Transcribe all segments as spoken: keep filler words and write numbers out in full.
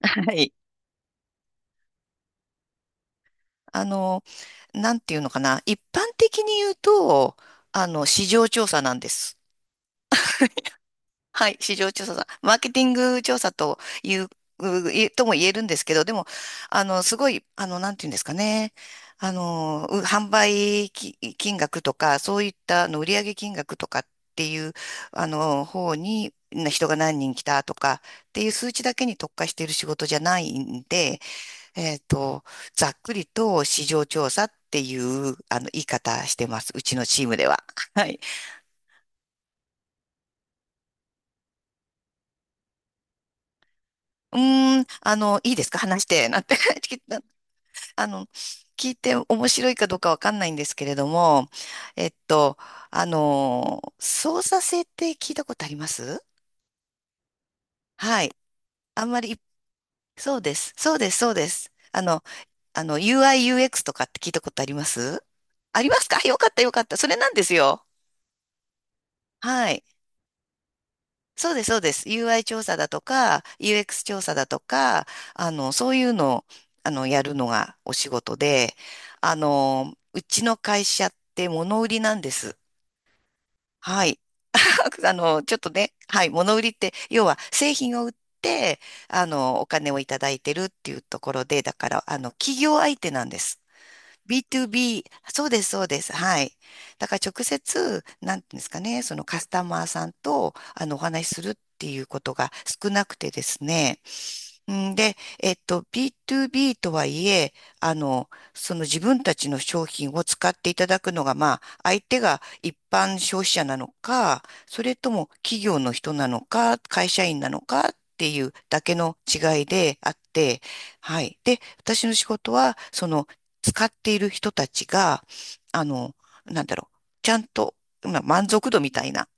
はい。あの、なんていうのかな。一般的に言うと、あの、市場調査なんです。はい。市場調査さん。マーケティング調査という、ういとも言えるんですけど、でも、あの、すごい、あの、なんていうんですかね。あの、う販売き金額とか、そういったあの売上金額とかっていう、あの、方に、な人が何人来たとかっていう数値だけに特化している仕事じゃないんで、えっと、ざっくりと市場調査っていうあの言い方してます。うちのチームでは。はい。うーん、あの、いいですか話して、なんて？ あの、聞いて面白いかどうかわかんないんですけれども、えっと、あの、操作性って聞いたことあります？はい。あんまり、そうです。そうです、そうです。あの、あの、ユーアイ、ユーエックス とかって聞いたことあります？ありますか？よかった、よかった。それなんですよ。はい。そうです、そうです。ユーアイ 調査だとか、ユーエックス 調査だとか、あの、そういうのを、あの、やるのがお仕事で、あの、うちの会社って物売りなんです。はい。あの、ちょっとね、はい、物売りって、要は製品を売って、あの、お金をいただいてるっていうところで、だから、あの、企業相手なんです。ビーツービー、そうです、そうです。はい。だから直接、なんていうんですかね、そのカスタマーさんと、あの、お話しするっていうことが少なくてですね。んで、えっと、ビーツービー とはいえ、あの、その自分たちの商品を使っていただくのが、まあ、相手が一般消費者なのか、それとも企業の人なのか、会社員なのかっていうだけの違いであって、はい。で、私の仕事は、その使っている人たちが、あの、なんだろう、ちゃんと、まあ、満足度みたいな、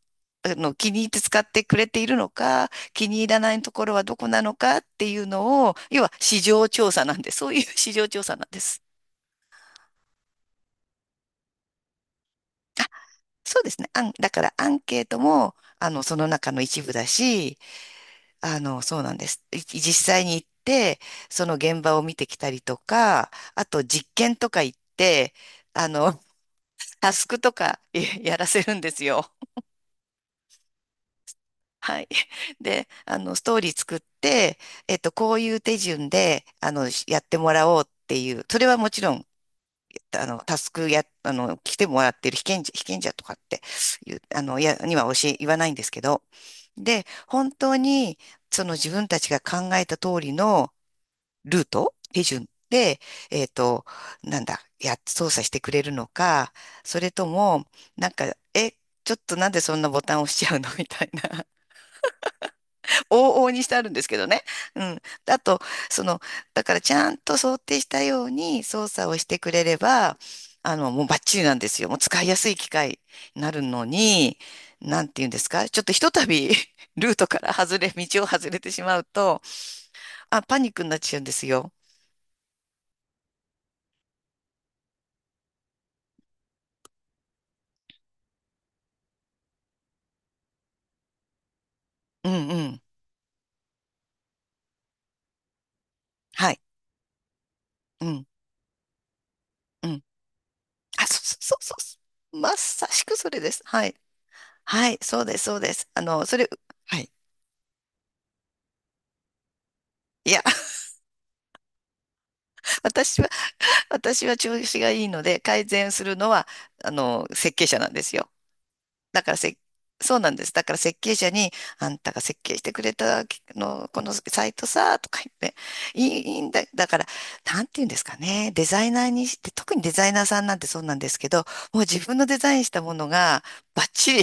あの、気に入って使ってくれているのか、気に入らないところはどこなのかっていうのを、要は市場調査なんで、そういう 市場調査なんです。あ、そうですね。あん、だからアンケートも、あの、その中の一部だし、あの、そうなんです。い実際に行って、その現場を見てきたりとか、あと実験とか行って、あの、タスクとかえやらせるんですよ。はい。で、あの、ストーリー作って、えっと、こういう手順で、あの、しやってもらおうっていう、それはもちろん、あの、タスクや、あの、来てもらってる被験者、被験者とかっていう、あの、いや、には教え、言わないんですけど、で、本当に、その自分たちが考えた通りのルート、手順で、えっと、なんだ、や、操作してくれるのか、それとも、なんか、え、ちょっとなんでそんなボタン押しちゃうの？ みたいな。往々にしてあるんですけどね。うん。あと、その、だからちゃんと想定したように操作をしてくれれば、あの、もうバッチリなんですよ。もう使いやすい機械になるのに、なんて言うんですか？ちょっとひとたび ルートから外れ、道を外れてしまうと、あ、パニックになっちゃうんですよ。うんうん。はい。うん。うん。あ、そうそうそうそう。まさしくそれです。はい。はい。そうです、そうです。あの、それ、はい。いや、私は私は調子がいいので、改善するのは、あの、設計者なんですよ。だからせ、そうなんです。だから設計者に、あんたが設計してくれたの、このサイトさ、とか言って、いい、いいんだ。だから、なんて言うんですかね。デザイナーにして、特にデザイナーさんなんてそうなんですけど、もう自分のデザインしたものが、バッチリ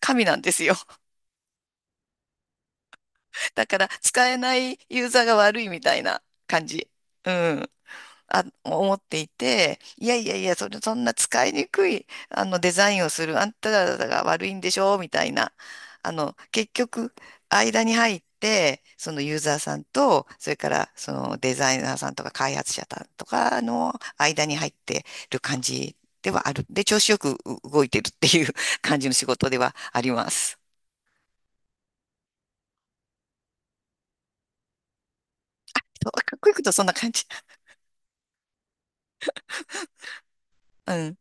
神なんですよ。だから、使えないユーザーが悪いみたいな感じ。うん。あ、思っていて、いやいやいや、それ、そんな使いにくい、あの、デザインをする、あんたらが悪いんでしょ、みたいな。あの、結局、間に入って、そのユーザーさんと、それから、そのデザイナーさんとか開発者さんとかの間に入ってる感じではある。で、調子よくう動いてるっていう 感じの仕事ではあります。そうかっこいいことそんな感じ。うん。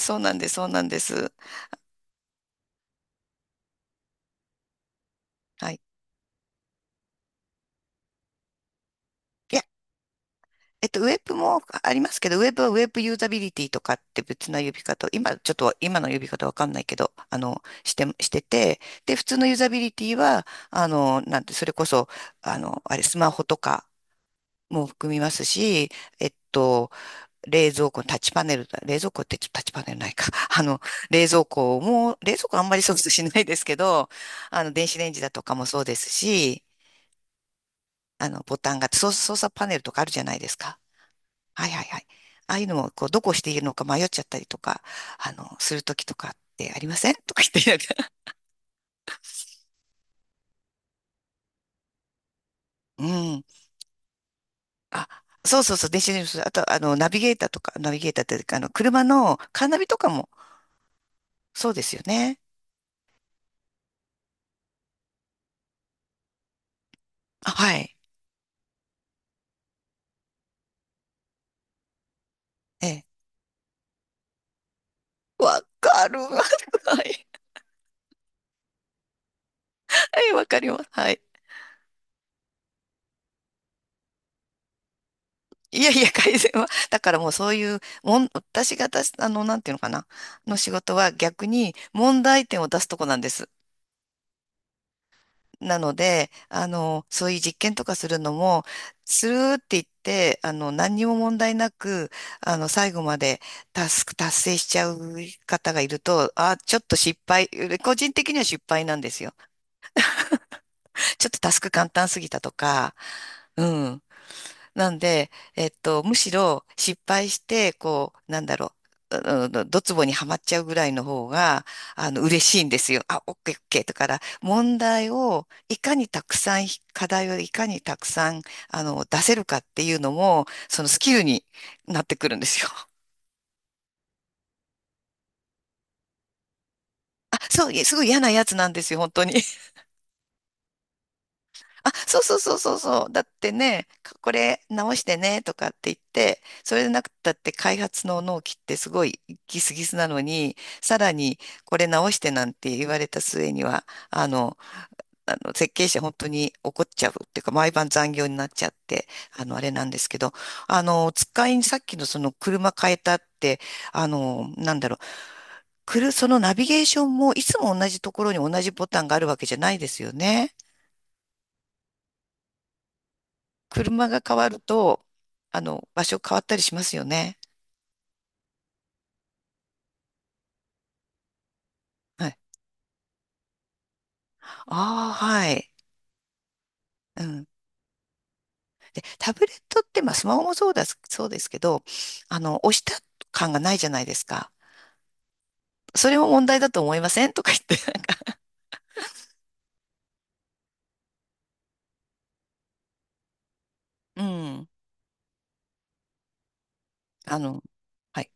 そうなんです、そうなんです。はい。いや、えっと、ウェブもありますけど、ウェブはウェブユーザビリティとかって別な呼び方を、今ちょっと今の呼び方わかんないけど、あの、して、してて、で、普通のユーザビリティは、あの、なんて、それこそ、あの、あれ、スマホとかも含みますし、えっと、冷蔵庫のタッチパネル、冷蔵庫ってちょっとタッチパネルないか。あの、冷蔵庫も、冷蔵庫あんまり操作しないですけど、あの、電子レンジだとかもそうですし、あの、ボタンが、操操作パネルとかあるじゃないですか。はいはいはい。ああいうのも、こう、どこをしているのか迷っちゃったりとか、あの、するときとかってありません？ とか言って、うん。あ、そうそうそう、電子レンジ、あと、あの、ナビゲーターとか、ナビゲーターっていうか、あの、車のカーナビとかも、そうですよね。あ、はい。ええ。わかる。はい。はい、わかります。はい。いやいや、改善は。だからもうそういう、もん、私が出す、あの、なんていうのかな、の仕事は逆に問題点を出すとこなんです。なので、あの、そういう実験とかするのも、スルーって言って、あの、何にも問題なく、あの、最後までタスク達成しちゃう方がいると、あ、ちょっと失敗、個人的には失敗なんですよ。ちょっとタスク簡単すぎたとか、うん。なんで、えっと、むしろ失敗して、こう、なんだろう、ううドツボにはまっちゃうぐらいの方が、あの、嬉しいんですよ。あ、オッケーオッケー。だから、問題をいかにたくさん、課題をいかにたくさん、あの、出せるかっていうのも、そのスキルになってくるんですよ。あ、そう、いすごい嫌なやつなんですよ、本当に。あ、そうそうそうそうそう。だってね、かこれ直してねとかって言って、それでなくったって開発の納期ってすごいギスギスなのに、さらにこれ直してなんて言われた末には、あの、あの設計者本当に怒っちゃうっていうか、毎晩残業になっちゃって、あの、あれなんですけど、あの、使いにさっきのその車変えたって、あの、なんだろう、くる、そのナビゲーションもいつも同じところに同じボタンがあるわけじゃないですよね。車が変わると、あの、場所変わったりしますよね。はい。ああ、はい。うん。で、タブレットって、まあ、スマホもそうだ、そうですけど、あの、押した感がないじゃないですか。それも問題だと思いません？とか言って、なんか、うん。あの、はい。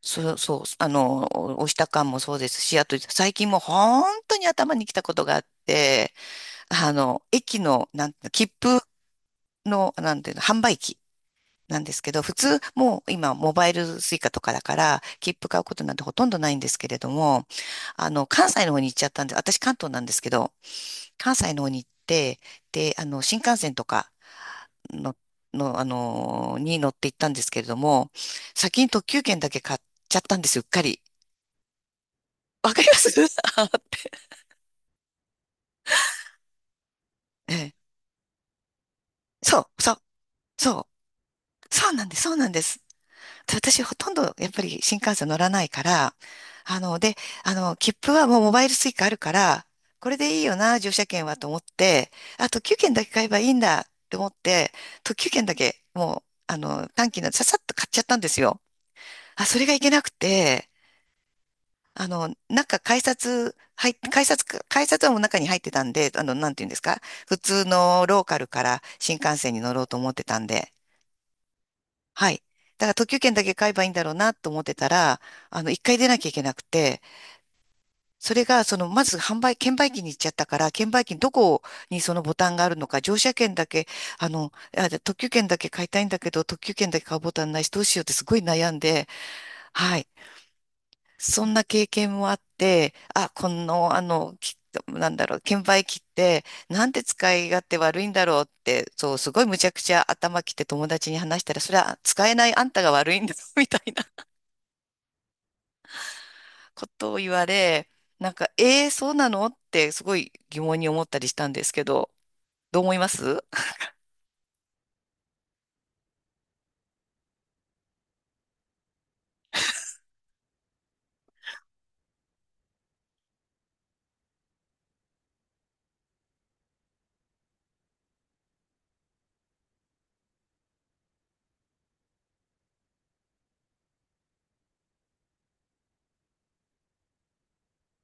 そう、そう、あの、押した感もそうですし、あと、最近もう本当に頭にきたことがあって、あの、駅の、なんていうの、切符の、なんていうの、販売機。なんですけど、普通、もう今、モバイルスイカとかだから、切符買うことなんてほとんどないんですけれども、あの、関西の方に行っちゃったんで、私関東なんですけど、関西の方に行って、で、あの、新幹線とかの、の、あの、に乗って行ったんですけれども、先に特急券だけ買っちゃったんですよ、うっかり。わかります？ あーって。ええ、そう、そう、そう、そうなんです、そうなんです。私ほとんどやっぱり新幹線乗らないから、あの、で、あの、切符はもうモバイル スイカ あるから、これでいいよな、乗車券はと思って、あ特急券だけ買えばいいんだって思って、特急券だけもう、あの、短期のささっと買っちゃったんですよ。あ、それがいけなくて、あの、中改札、入っ改札、改札はもう中に入ってたんで、あの、なんていうんですか、普通のローカルから新幹線に乗ろうと思ってたんで、はい。だから特急券だけ買えばいいんだろうなと思ってたら、あの、一回出なきゃいけなくて、それが、その、まず販売、券売機に行っちゃったから、券売機にどこにそのボタンがあるのか、乗車券だけ、あの、あ、じゃあ特急券だけ買いたいんだけど、特急券だけ買うボタンないし、どうしようってすごい悩んで、はい。そんな経験もあって、あ、この、あの、きなんだろう、券売機って、なんで使い勝手悪いんだろうって、そう、すごいむちゃくちゃ頭きて友達に話したら、それは使えないあんたが悪いんだ、みたいことを言われ、なんか、えー、そうなのってすごい疑問に思ったりしたんですけど、どう思います？